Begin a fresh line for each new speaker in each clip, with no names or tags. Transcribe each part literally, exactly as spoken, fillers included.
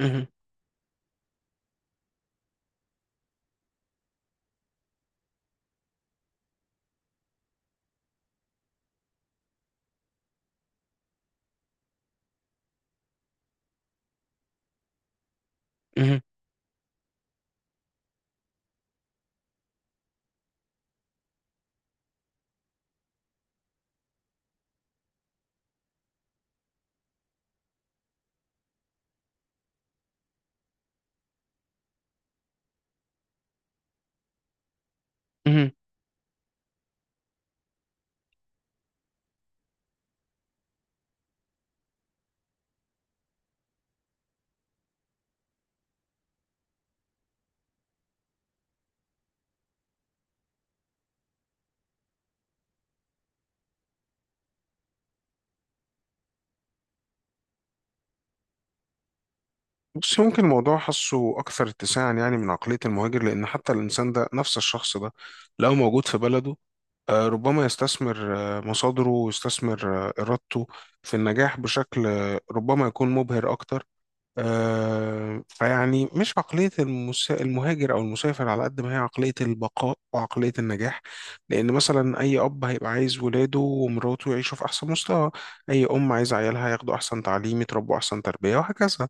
مهم. مهم. مهم. بص، ممكن الموضوع حاسه أكثر اتساعا، يعني من عقلية المهاجر، لأن حتى الإنسان ده نفس الشخص ده لو موجود في بلده آه، ربما يستثمر آه، مصادره، ويستثمر آه، إرادته في النجاح بشكل آه، ربما يكون مبهر أكتر. آه، فيعني مش عقلية المس... المهاجر أو المسافر، على قد ما هي عقلية البقاء وعقلية النجاح. لأن مثلا أي أب هيبقى عايز ولاده ومراته يعيشوا في أحسن مستوى، أي أم عايزة عيالها ياخدوا أحسن تعليم، يتربوا أحسن تربية، وهكذا.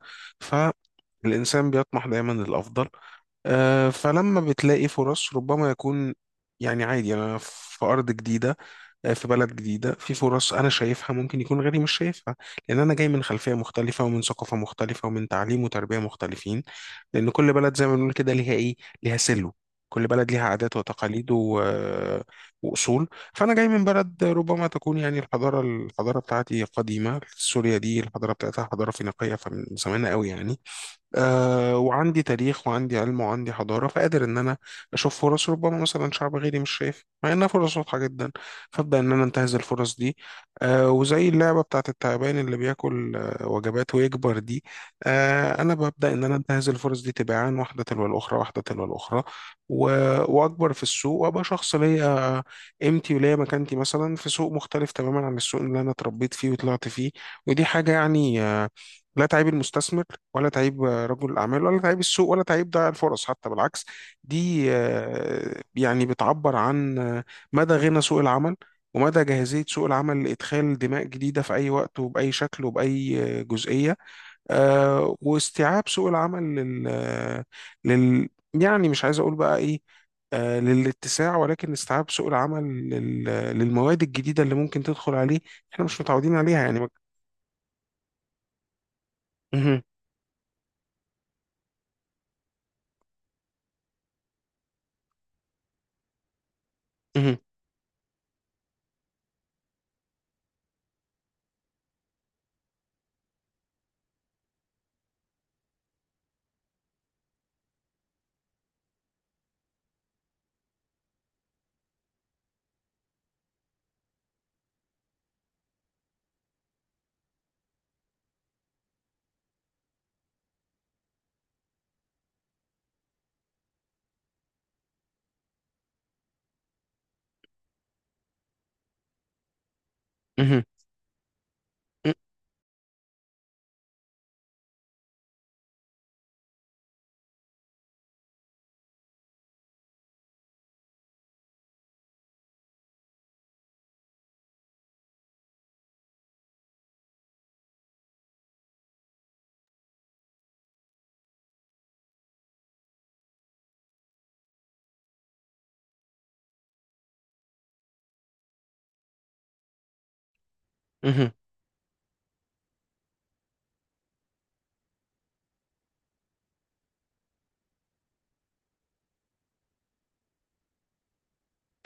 فالإنسان بيطمح دايما للأفضل. آه، فلما بتلاقي فرص ربما يكون، يعني عادي، أنا في أرض جديدة، آه، في بلد جديدة، في فرص أنا شايفها ممكن يكون غيري مش شايفها، لأن أنا جاي من خلفية مختلفة ومن ثقافة مختلفة ومن تعليم وتربية مختلفين. لأن كل بلد زي ما بنقول كده ليها إيه، ليها سلو، كل بلد ليها عادات وتقاليد و... وأصول. فأنا جاي من بلد ربما تكون، يعني الحضارة الحضارة بتاعتي قديمة، سوريا دي الحضارة بتاعتها حضارة فينيقية، فمن زمان قوي يعني. آه وعندي تاريخ وعندي علم وعندي حضارة، فقادر إن أنا أشوف فرص ربما مثلا شعب غيري مش شايف، مع إنها فرص واضحة جدا، فأبدأ إن أنا أنتهز الفرص دي. آه وزي اللعبة بتاعت التعبان اللي بياكل آه وجبات ويكبر دي، آه أنا ببدأ إن أنا أنتهز الفرص دي تباعا، واحدة تلو الأخرى، واحدة تلو الأخرى. و... وأكبر في السوق، وأبقى شخص ليا قيمتي وليا مكانتي، مثلا في سوق مختلف تماما عن السوق اللي أنا اتربيت فيه وطلعت فيه. ودي حاجة يعني آه لا تعيب المستثمر، ولا تعيب رجل الأعمال، ولا تعيب السوق، ولا تعيب ضياع الفرص، حتى بالعكس. دي آه، يعني بتعبر عن آه، مدى غنى سوق العمل، ومدى جاهزية سوق العمل لإدخال دماء جديدة في أي وقت وبأي شكل وبأي آه، جزئية. آه، واستيعاب سوق العمل لل... آه، لل... يعني مش عايز أقول بقى إيه، آه، للاتساع، ولكن استيعاب سوق العمل لل... آه، للمواد الجديدة اللي ممكن تدخل عليه، احنا مش متعودين عليها، يعني مك... مهم. مهم. مهم. مهم.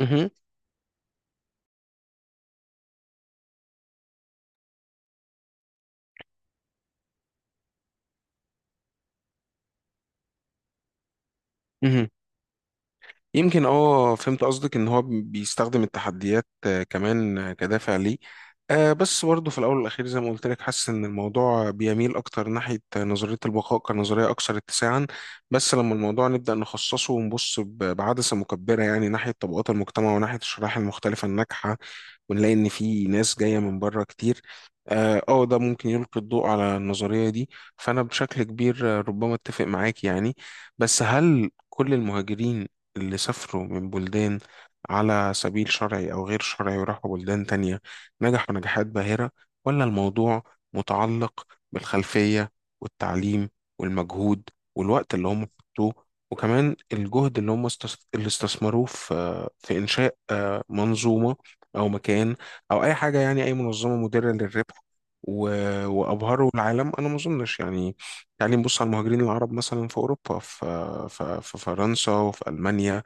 مهم. مهم. يمكن اه فهمت قصدك ان هو بيستخدم التحديات آه، كمان آه، كدافع ليه. آه، بس برضه في الاول والاخير زي ما قلت لك، حاسس ان الموضوع بيميل اكتر ناحيه آه، نظريه البقاء، كنظريه اكثر اتساعا. بس لما الموضوع نبدا نخصصه ونبص ب- بعدسه مكبره، يعني ناحيه طبقات المجتمع وناحيه الشرائح المختلفه الناجحه، ونلاقي ان في ناس جايه من بره كتير. اه آه، ده ممكن يلقي الضوء على النظريه دي. فانا بشكل كبير آه، ربما اتفق معاك يعني. بس هل كل المهاجرين اللي سافروا من بلدان على سبيل شرعي او غير شرعي، وراحوا بلدان تانية، نجحوا نجاحات باهره؟ ولا الموضوع متعلق بالخلفيه والتعليم والمجهود والوقت اللي هم حطوه، وكمان الجهد اللي هم استس- اللي استثمروه في في إنشاء آه، منظومة، او مكان، او اي حاجه، يعني اي منظمه مدره للربح، و... وابهروا العالم. انا ما اظنش يعني. تعالي نبص على المهاجرين العرب مثلا في اوروبا، في في, في فرنسا وفي المانيا.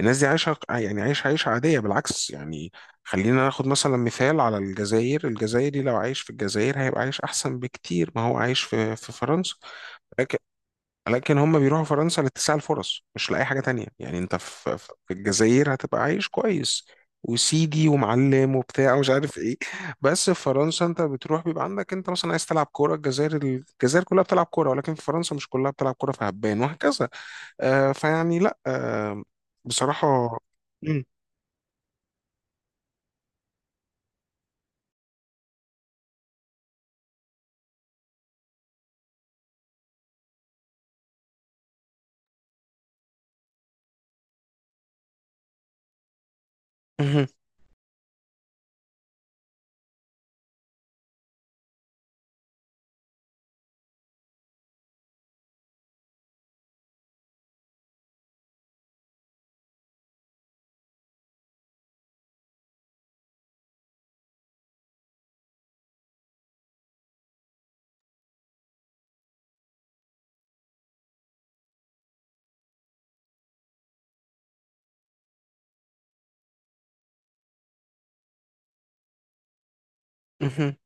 الناس دي عايشه يعني عايشه عيشه عاديه، بالعكس يعني. خلينا ناخد مثلا مثال على الجزائر. الجزائري لو عايش في الجزائر هيبقى عايش احسن بكتير ما هو عايش في في فرنسا. لكن هم بيروحوا فرنسا لاتساع الفرص، مش لأي حاجة تانية. يعني انت في في الجزائر هتبقى عايش كويس، وسيدي ومعلم وبتاع ومش عارف ايه. بس في فرنسا انت بتروح بيبقى عندك انت مثلا عايز تلعب كورة. الجزائر الجزائر كلها بتلعب كورة، ولكن في فرنسا مش كلها بتلعب كورة فهبان، وهكذا. آه فيعني لا، آه بصراحة. مم. مهم. مهم.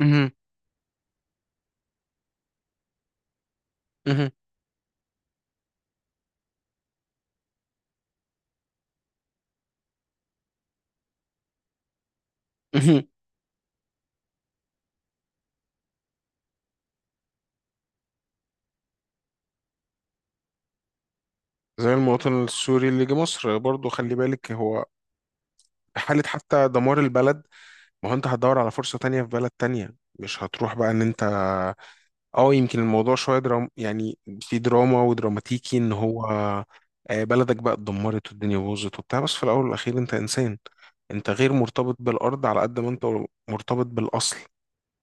مهم. مهم. مهم. زي المواطن السوري اللي جه مصر برضو، خلي بالك هو حالة حتى دمار البلد. ما هو انت هتدور على فرصة تانية في بلد تانية، مش هتروح بقى ان انت، اه يمكن الموضوع شوية درام، يعني في دراما ودراماتيكي، ان هو آه، بلدك بقى اتدمرت والدنيا باظت وبتاع، بس في الاول والاخير انت انسان. انت غير مرتبط بالارض على قد ما انت مرتبط بالاصل،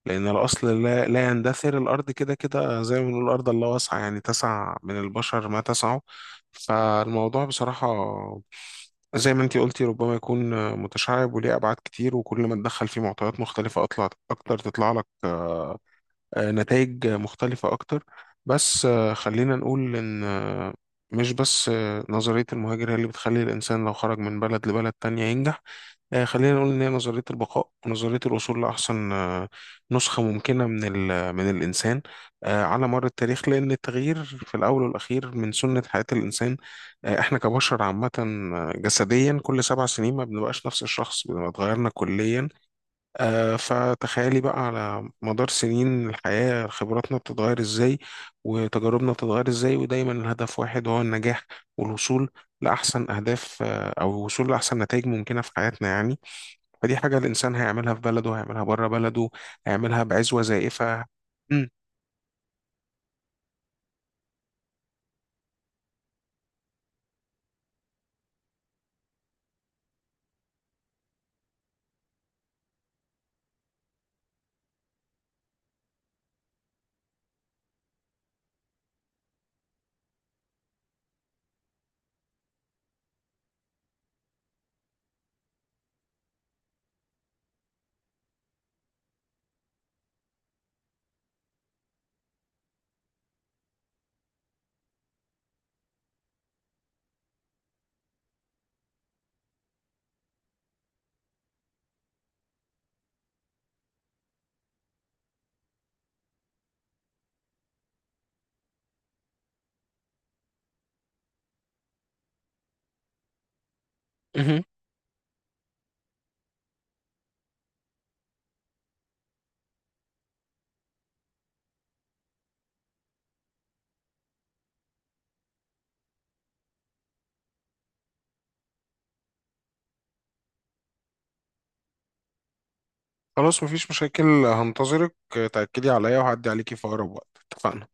لان الاصل لا, لا يندثر. الارض كده كده، زي ما بنقول الارض الله واسعة، يعني تسع من البشر ما تسعه. فالموضوع بصراحة، زي ما انتي قلتي، ربما يكون آه، متشعب وليه ابعاد كتير، وكل ما تدخل فيه معطيات مختلفه اطلع اكتر، تطلع لك آه، آه، نتائج مختلفه اكتر. بس آه، خلينا نقول ان آه، مش بس آه، نظريه المهاجر هي اللي بتخلي الانسان لو خرج من بلد لبلد تانية ينجح. آه، خلينا نقول إن هي نظرية البقاء، ونظرية الوصول لأحسن آه، نسخة ممكنة من ال من الإنسان آه، على مر التاريخ، لأن التغيير في الأول والأخير من سنة حياة الإنسان. آه، إحنا كبشر عامة آه، جسديا كل سبع سنين ما بنبقاش نفس الشخص، بنبقى اتغيرنا كليا. آه، فتخيلي بقى على مدار سنين الحياة خبراتنا بتتغير إزاي وتجاربنا بتتغير إزاي، ودايما الهدف واحد وهو النجاح، والوصول لأحسن أهداف، آه، أو الوصول لأحسن نتائج ممكنة في حياتنا يعني. فدي حاجة الإنسان هيعملها في بلده هيعملها بره بلده، هيعملها بعزوة زائفة. مم. مهم. خلاص مفيش مشاكل، هنتظرك. تأكدي عليا وهعدي عليكي في أقرب وقت. اتفقنا؟